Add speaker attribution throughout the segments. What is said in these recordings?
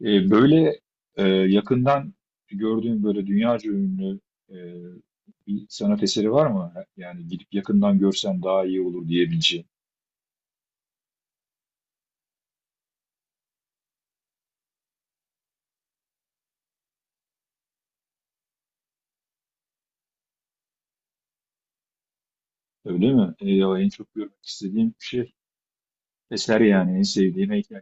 Speaker 1: Böyle Yakından gördüğün böyle dünyaca ünlü eee, bir sanat eseri var mı? Yani gidip yakından görsen daha iyi olur diyebileceğin. Öyle mi? Ya en çok görmek istediğim şey eser, yani en sevdiğim heykel.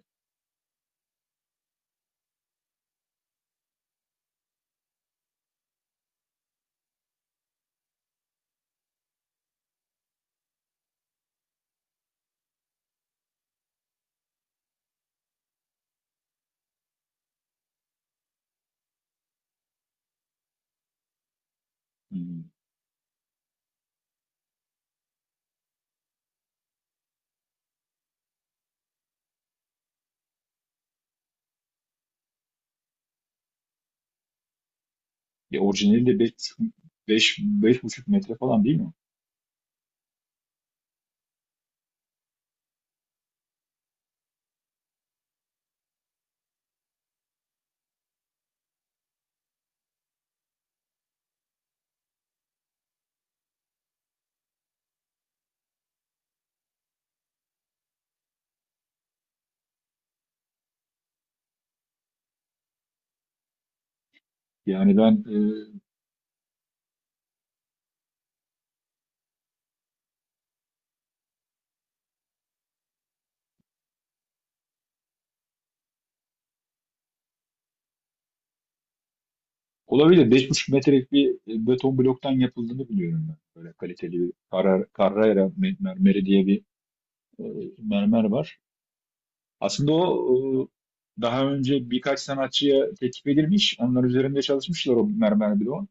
Speaker 1: Hmm. Ya orijinali de beş buçuk metre falan değil mi? Yani olabilir, 5,5 metrelik bir beton bloktan yapıldığını biliyorum ben. Böyle kaliteli bir Carrara mermeri diye bir e, mermer var. Aslında o daha önce birkaç sanatçıya teklif edilmiş. Onlar üzerinde çalışmışlar o mermer bloğun.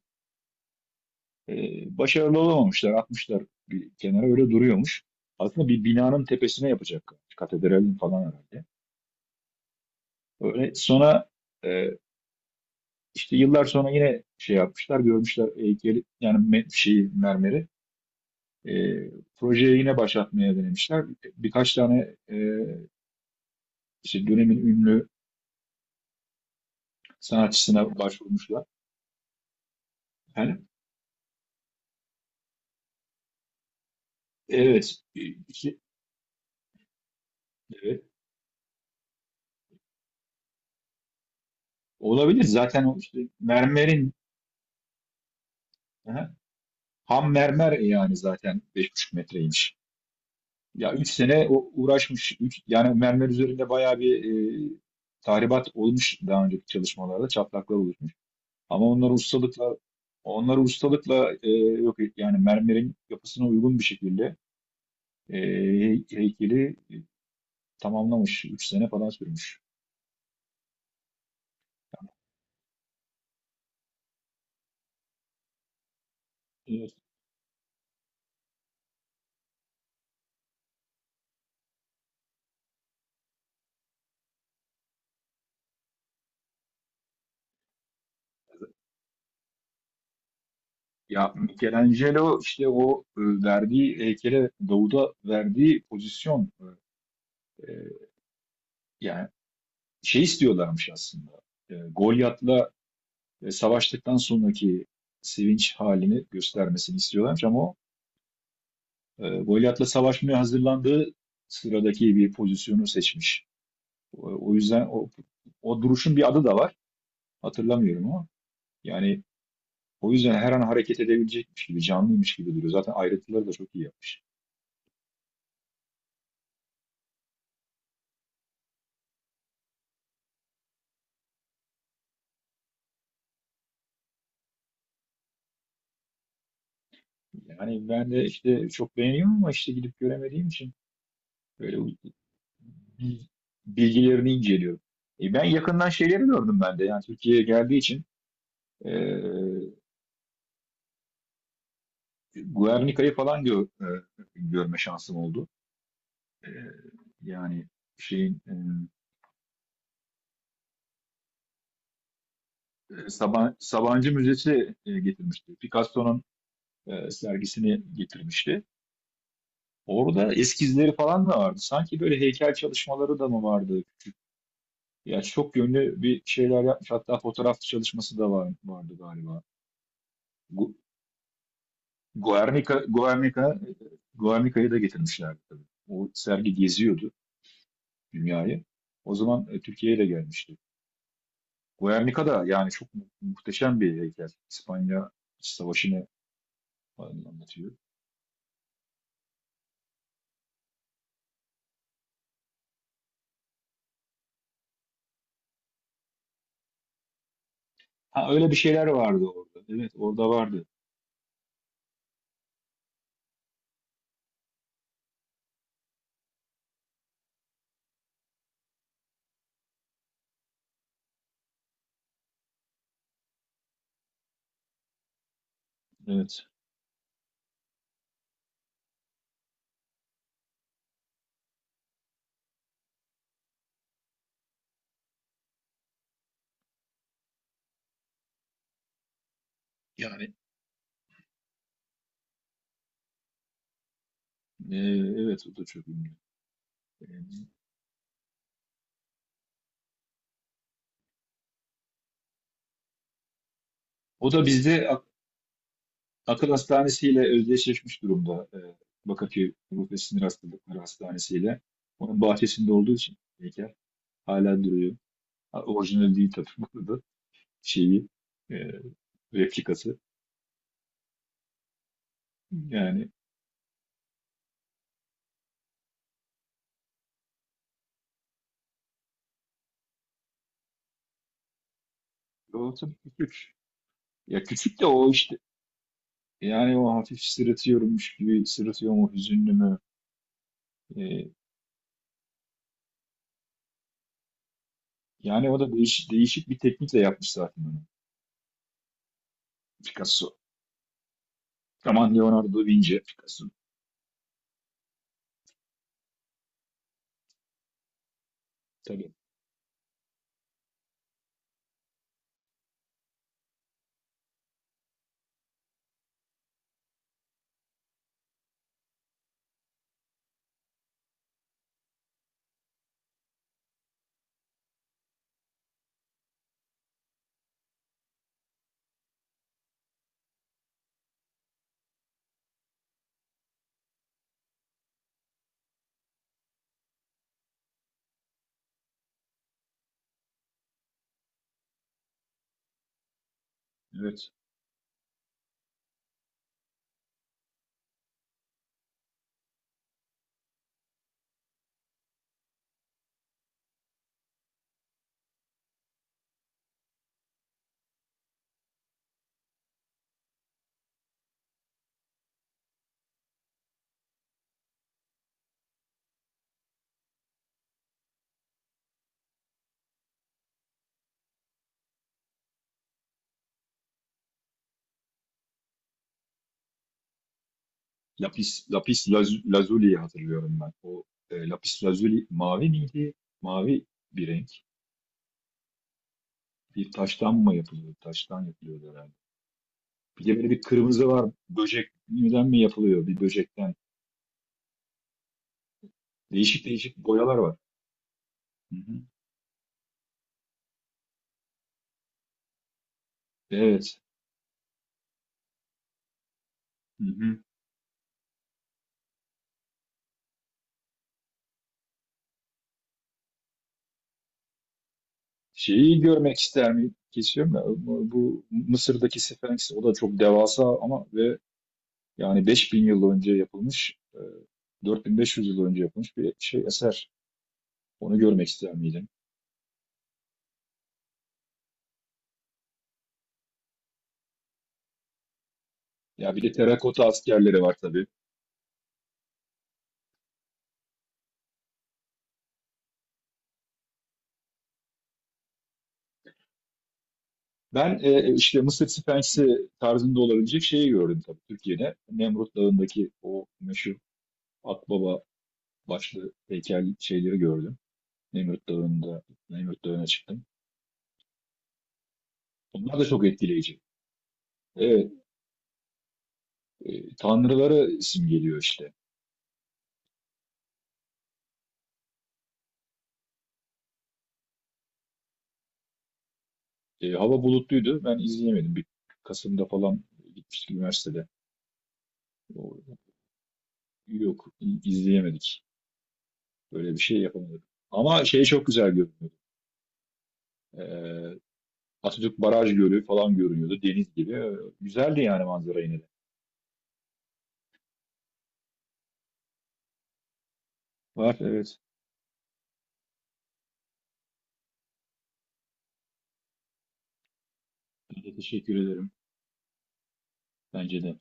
Speaker 1: E, Başarılı olamamışlar. Atmışlar bir kenara, öyle duruyormuş. Aslında bir binanın tepesine yapacak, katedralin falan herhalde. Öyle sonra e, işte yıllar sonra yine şey yapmışlar. Görmüşler heykeli, yani şeyi, mermeri. E, Projeyi yine başlatmaya denemişler. Birkaç tane işte dönemin ünlü sanatçısına başvurmuşlar. Yani evet. İşte evet. Olabilir, zaten o işte mermerin, aha, ham mermer, yani zaten 5,5 metreymiş. Ya 3 sene o uğraşmış. Yani mermer üzerinde bayağı bir e, tahribat olmuş, daha önceki çalışmalarda çatlaklar oluşmuş. Ama onları ustalıkla e, yok et- yani mermerin yapısına uygun bir şekilde e, heykeli tamamlamış. 3 sene falan sürmüş. Ya Michelangelo işte o verdiği heykele, Davud'a verdiği pozisyon, e, yani şey istiyorlarmış aslında. Golyat'la savaştıktan sonraki sevinç halini göstermesini istiyorlarmış, ama o Golyat'la savaşmaya hazırlandığı sıradaki bir pozisyonu seçmiş. O yüzden o duruşun bir adı da var. Hatırlamıyorum ama yani o yüzden her an hareket edebilecekmiş gibi, canlıymış gibi duruyor. Zaten ayrıntıları da çok iyi yapmış. Yani ben de işte çok beğeniyorum, ama işte gidip göremediğim için böyle bil- bilgilerini inceliyorum. Ben yakından şeyleri gördüm ben de. Yani Türkiye'ye geldiği için e, Guernica'yı falan görme şansım oldu. E, Yani şeyin, Sabancı Müzesi getirmişti. Picasso'nun sergisini getirmişti. Orada eskizleri falan da vardı. Sanki böyle heykel çalışmaları da mı vardı? Ya çok yönlü bir şeyler yapmış. Hatta fotoğraf çalışması da var, vardı galiba. Gu- Guernica, Guernica, Guernica'yı da getirmişlerdi tabii. O sergi geziyordu dünyayı. O zaman Türkiye'ye de gelmişti. Guernica da yani çok muhteşem bir heykel. İspanya Savaşı'nı falan anlatıyor. Ha, öyle bir şeyler vardı orada. Evet, orada vardı. Evet. Yani e, evet, o da çok ünlü. E, O da bizde Akıl Hastanesi ile özdeşleşmiş durumda. Bakırköy Ruh ve Sinir Hastalıkları Hastanesi ile. Onun bahçesinde olduğu için heykel hala duruyor. Ha, orijinal değil tabii bu arada. Şeyi, e, replikası. Yani o tabii küçük. Ya küçük de o işte. Yani o hafif sırıtıyormuş gibi sırıtıyor mu, hüzünlü mü? E, Yani o da değişik, değişik bir teknikle yapmış zaten onu. Picasso. Aman, Leonardo da Vinci. Picasso. Tabii. Evet. Lazuli'yi hatırlıyorum ben. O Lapis Lazuli mavi miydi? Mavi bir renk. Bir taştan mı yapılıyor? Taştan yapılıyor herhalde. Bir de böyle bir kırmızı var. Böcekten mi yapılıyor? Bir böcekten. Değişik değişik boyalar var. Hı hı. Evet. Hı hı. Şeyi görmek ister miyim? Kesiyorum ya. Bu Mısır'daki Sphinx, o da çok devasa, ama ve yani 5 bin yıl önce yapılmış, 4500 yıl önce yapılmış bir şey, eser. Onu görmek ister miydin? Ya bir de terakota askerleri var tabii. Ben işte Mısır Sphinx'i tarzında olabilecek şeyi gördüm tabii Türkiye'de. Nemrut Dağı'ndaki o meşhur Akbaba başlı heykel şeyleri gördüm. Nemrut Dağı'nda, Nemrut Dağı'na çıktım. Onlar da çok etkileyici. Evet, tanrılara simgeliyor işte. Hava bulutluydu. Ben izleyemedim. Bir Kasım'da falan gitmiştik üniversitede. O- Yok, izleyemedik. Böyle bir şey yapamadık. Ama şey çok güzel görünüyordu. E, Atatürk Baraj Gölü falan görünüyordu. Deniz gibi. Güzeldi yani manzara yine de. Var, evet. Ben de teşekkür ederim. Bence de.